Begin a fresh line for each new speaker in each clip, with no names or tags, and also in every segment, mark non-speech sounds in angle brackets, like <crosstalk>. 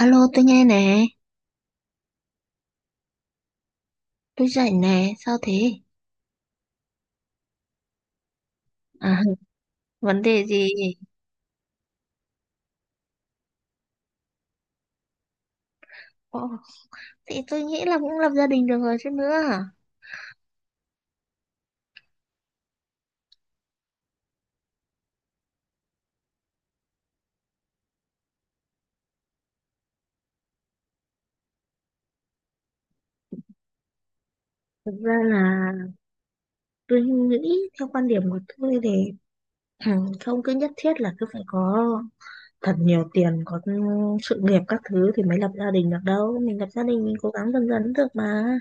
Alo, tôi nghe nè, tôi rảnh nè, sao thế? À, <laughs> vấn đề gì? Ồ, thì tôi nghĩ là cũng lập gia đình được rồi chứ nữa. Thực ra là tôi nghĩ theo quan điểm của tôi thì ừ, không cứ nhất thiết là cứ phải có thật nhiều tiền, có sự nghiệp các thứ thì mới lập gia đình được đâu. Mình lập gia đình mình cố gắng dần dần cũng được mà.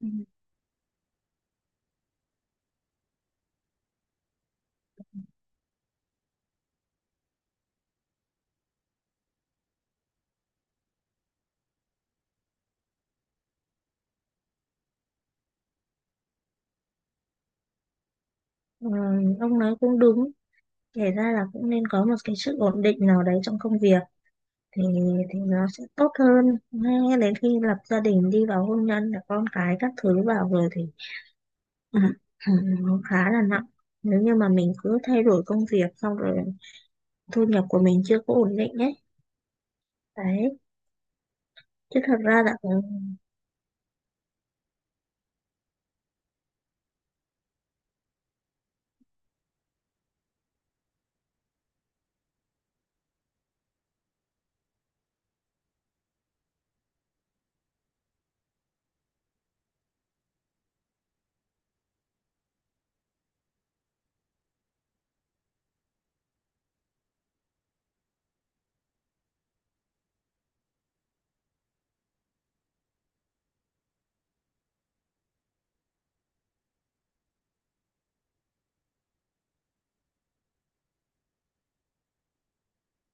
Ừ. Ừ, ông nói cũng đúng, kể ra là cũng nên có một cái sự ổn định nào đấy trong công việc, thì thì nó sẽ tốt hơn. Ngay đến khi lập gia đình đi vào hôn nhân là con cái các thứ vào rồi thì ừ, ừ, nó khá là nặng nếu như mà mình cứ thay đổi công việc xong rồi thu nhập của mình chưa có ổn định ấy đấy. Chứ thật ra là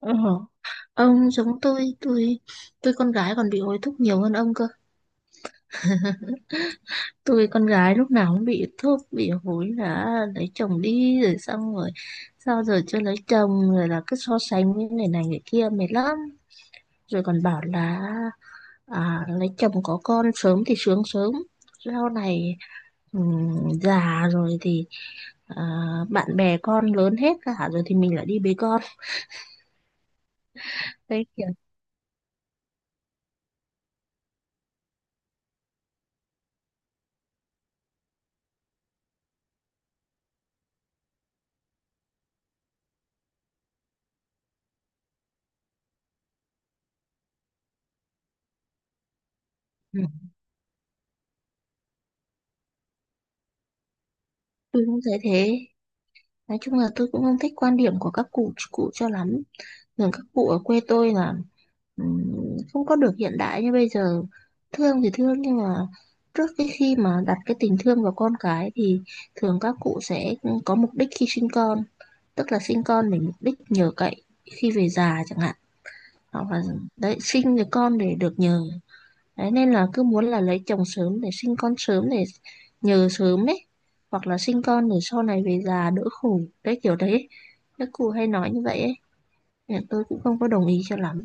ờ, ông giống tôi. Tôi con gái còn bị hối thúc nhiều hơn ông cơ. Tôi con gái lúc nào cũng bị thúc bị hối là lấy chồng đi, rồi xong rồi sao giờ chưa lấy chồng, rồi là cứ so sánh với người này người kia mệt lắm. Rồi còn bảo là lấy chồng có con sớm thì sướng sớm sau này, già rồi thì à, bạn bè con lớn hết cả rồi thì mình lại đi bế con. Đấy kiểu ừ, tôi cũng thấy thế. Nói chung là tôi cũng không thích quan điểm của các cụ cụ cho lắm. Thường các cụ ở quê tôi là không có được hiện đại như bây giờ. Thương thì thương nhưng mà trước cái khi mà đặt cái tình thương vào con cái thì thường các cụ sẽ có mục đích khi sinh con, tức là sinh con để mục đích nhờ cậy khi về già chẳng hạn. Hoặc là đấy, sinh được con để được nhờ. Đấy, nên là cứ muốn là lấy chồng sớm để sinh con sớm để nhờ sớm đấy, hoặc là sinh con để sau này về già đỡ khổ, đấy kiểu đấy, các cụ hay nói như vậy ấy. Nên tôi cũng không có đồng ý cho lắm.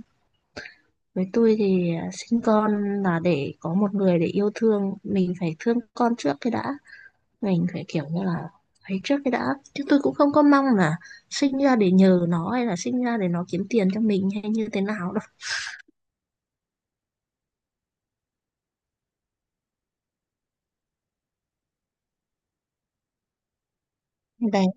Với tôi thì sinh con là để có một người để yêu thương, mình phải thương con trước cái đã. Mình phải kiểu như là ấy trước cái đã, chứ tôi cũng không có mong là sinh ra để nhờ nó, hay là sinh ra để nó kiếm tiền cho mình hay như thế nào đâu. Đấy.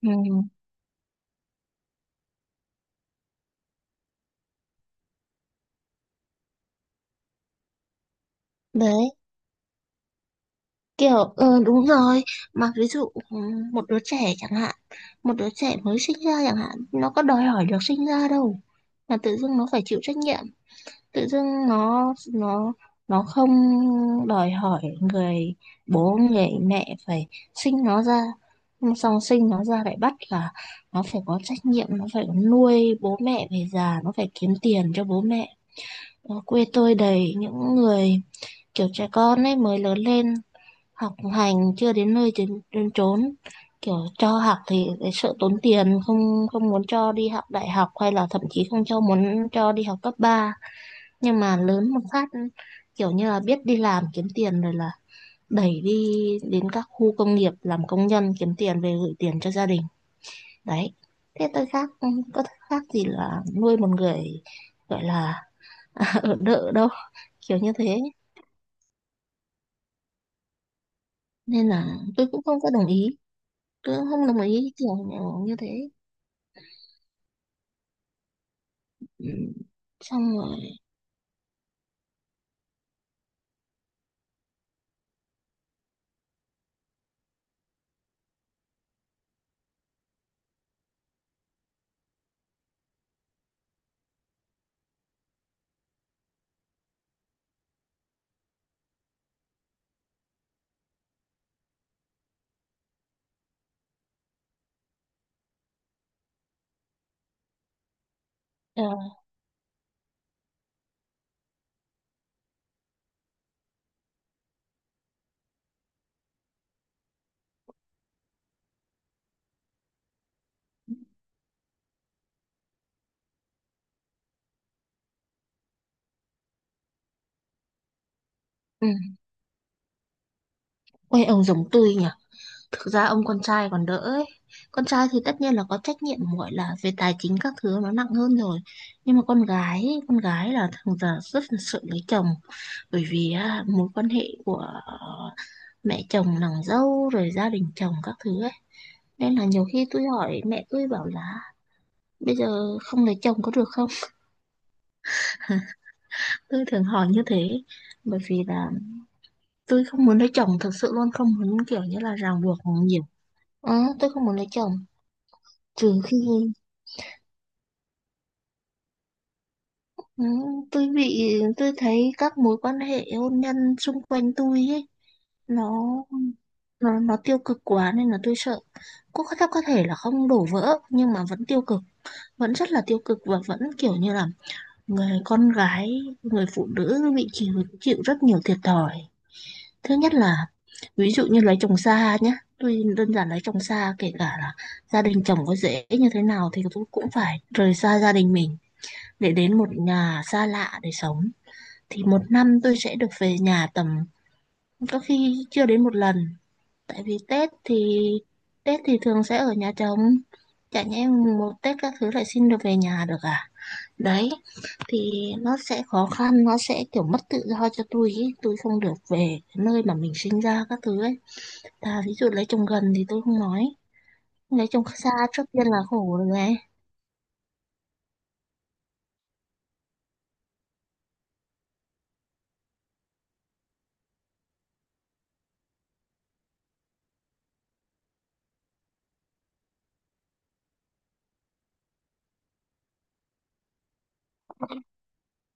Ừ. Đấy kiểu ừ, đúng rồi. Mà ví dụ ừ, một đứa trẻ chẳng hạn, một đứa trẻ mới sinh ra chẳng hạn, nó có đòi hỏi được sinh ra đâu, mà tự dưng nó phải chịu trách nhiệm. Tự dưng nó không đòi hỏi người bố người mẹ phải sinh nó ra. Nhưng xong sinh nó ra lại bắt là nó phải có trách nhiệm, nó phải nuôi bố mẹ về già, nó phải kiếm tiền cho bố mẹ. Ở quê tôi đầy những người kiểu trẻ con ấy mới lớn lên, học hành chưa đến nơi đến chốn, kiểu cho học thì lại sợ tốn tiền, không không muốn cho đi học đại học, hay là thậm chí không cho, muốn cho đi học cấp ba. Nhưng mà lớn một phát kiểu như là biết đi làm kiếm tiền rồi là đẩy đi đến các khu công nghiệp làm công nhân kiếm tiền về gửi tiền cho gia đình. Đấy, thế tôi khác có khác gì là nuôi một người gọi là <laughs> ở đợ đâu, kiểu như thế. Nên là tôi cũng không có đồng ý, tôi cũng không đồng ý kiểu như thế. Ừ, xong rồi, ờ, ừ. Quê ông giống tôi nhỉ. Thực ra ông con trai còn đỡ ấy. Con trai thì tất nhiên là có trách nhiệm, gọi là về tài chính các thứ nó nặng hơn rồi. Nhưng mà con gái, ấy, con gái là thường giờ rất là sợ lấy chồng, bởi vì á, mối quan hệ của ờ, mẹ chồng nàng dâu rồi gia đình chồng các thứ ấy. Nên là nhiều khi tôi hỏi mẹ, tôi bảo là bây giờ không lấy chồng có được không? <laughs> Tôi thường hỏi như thế, bởi vì là tôi không muốn lấy chồng thật sự, luôn không muốn kiểu như là ràng buộc nhiều. Ờ, tôi không muốn lấy chồng, trừ khi. Ừ, tôi bị, tôi thấy các mối quan hệ hôn nhân xung quanh tôi ấy, nó nó tiêu cực quá nên là tôi sợ. Có thể là không đổ vỡ nhưng mà vẫn tiêu cực, vẫn rất là tiêu cực, và vẫn kiểu như là người con gái, người phụ nữ bị chịu chịu rất nhiều thiệt thòi. Thứ nhất là ví dụ như lấy chồng xa nhá, tôi đơn giản lấy chồng xa, kể cả là gia đình chồng có dễ như thế nào thì tôi cũng phải rời xa gia đình mình để đến một nhà xa lạ để sống, thì một năm tôi sẽ được về nhà tầm, có khi chưa đến một lần. Tại vì Tết thì thường sẽ ở nhà chồng. Chả nhẽ một Tết các thứ lại xin được về nhà được à? Đấy, thì nó sẽ khó khăn, nó sẽ kiểu mất tự do cho tôi ý. Tôi không được về nơi mà mình sinh ra các thứ ấy. Ta ví dụ lấy chồng gần thì tôi không nói, lấy chồng xa trước tiên là khổ rồi này.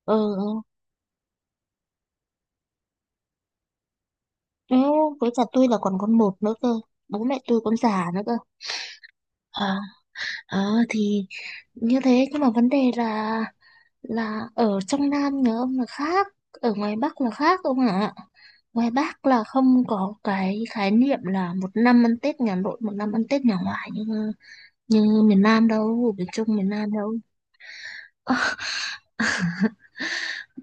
Ờ. Ừ, với cả tôi là còn con một nữa cơ, bố mẹ tôi còn già nữa cơ. Ờ. Ờ, thì như thế, nhưng mà vấn đề là ở trong Nam nữa ông là khác, ở ngoài Bắc là khác ông ạ. Ngoài Bắc là không có cái khái niệm là một năm ăn Tết nhà nội, một năm ăn Tết nhà ngoại như như miền Nam đâu, ở miền Trung miền Nam đâu. <laughs>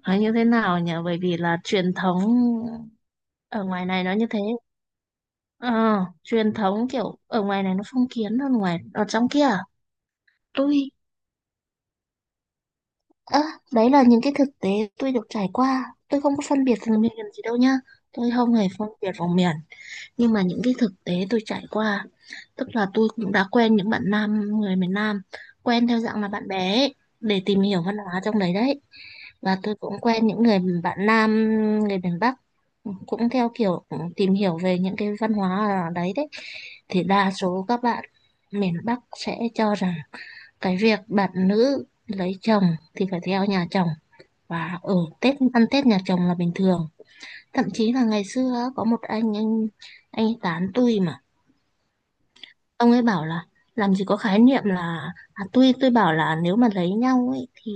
Nói như thế nào nhỉ? Bởi vì là truyền thống ở ngoài này nó như thế. Ờ, truyền thống kiểu ở ngoài này nó phong kiến hơn ngoài ở trong kia. À? Tôi Ơ, đấy là những cái thực tế tôi được trải qua. Tôi không có phân biệt vùng miền gì đâu nha. Tôi không hề phân biệt vùng miền. Nhưng mà những cái thực tế tôi trải qua, tức là tôi cũng đã quen những bạn nam, người miền Nam, quen theo dạng là bạn bè ấy, để tìm hiểu văn hóa trong đấy đấy. Và tôi cũng quen những người bạn nam, người miền Bắc, cũng theo kiểu tìm hiểu về những cái văn hóa ở đấy đấy. Thì đa số các bạn miền Bắc sẽ cho rằng cái việc bạn nữ lấy chồng thì phải theo nhà chồng, và ở Tết ăn Tết nhà chồng là bình thường. Thậm chí là ngày xưa á, có một anh anh ấy tán tôi mà. Ông ấy bảo là làm gì có khái niệm là, à, tui tôi bảo là nếu mà lấy nhau ấy thì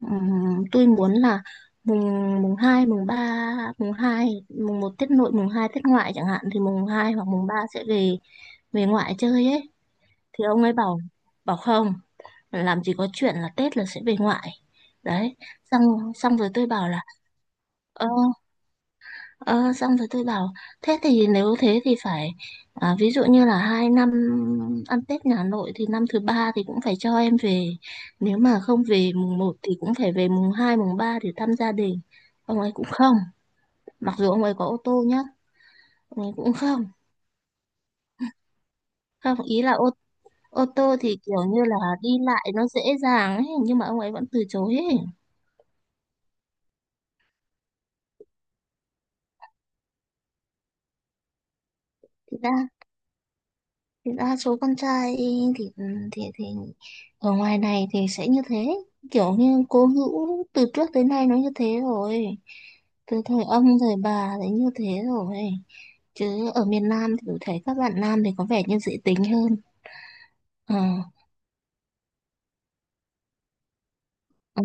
tôi muốn là mùng mùng 2 mùng ba, mùng 2 mùng một Tết nội, mùng 2 Tết ngoại chẳng hạn, thì mùng 2 hoặc mùng 3 sẽ về, về ngoại chơi ấy. Thì ông ấy bảo bảo không, làm gì có chuyện là Tết là sẽ về ngoại. Đấy, xong xong rồi tôi bảo là. Ờ. Ờ, xong rồi tôi bảo thế thì, nếu thế thì phải ví dụ như là 2 năm ăn Tết nhà nội thì năm thứ ba thì cũng phải cho em về, nếu mà không về mùng một thì cũng phải về mùng 2 mùng 3 để thăm gia đình. Ông ấy cũng không, mặc dù ông ấy có ô tô nhá, ông ấy cũng không, không ý là ô ô tô thì kiểu như là đi lại nó dễ dàng ấy, nhưng mà ông ấy vẫn từ chối ấy. Thì ra thì đa số con trai thì thì ở ngoài này thì sẽ như thế, kiểu như cố hữu từ trước tới nay nó như thế rồi, từ thời ông thời bà thì như thế rồi. Chứ ở miền Nam thì tôi thấy các bạn nam thì có vẻ như dễ tính hơn. Ờ, ờ,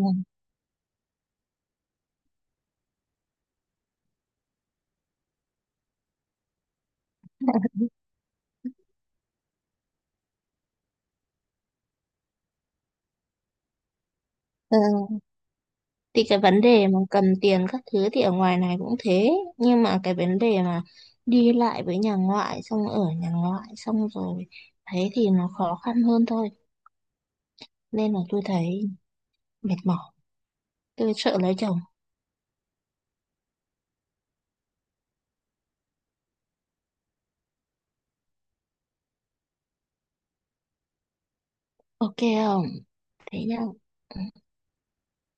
ờ. Thì cái vấn đề mà cầm tiền các thứ thì ở ngoài này cũng thế, nhưng mà cái vấn đề mà đi lại với nhà ngoại, xong ở nhà ngoại xong rồi thấy thì nó khó khăn hơn thôi, nên là tôi thấy mệt mỏi, tôi sợ lấy chồng. OK, không, thế nhá.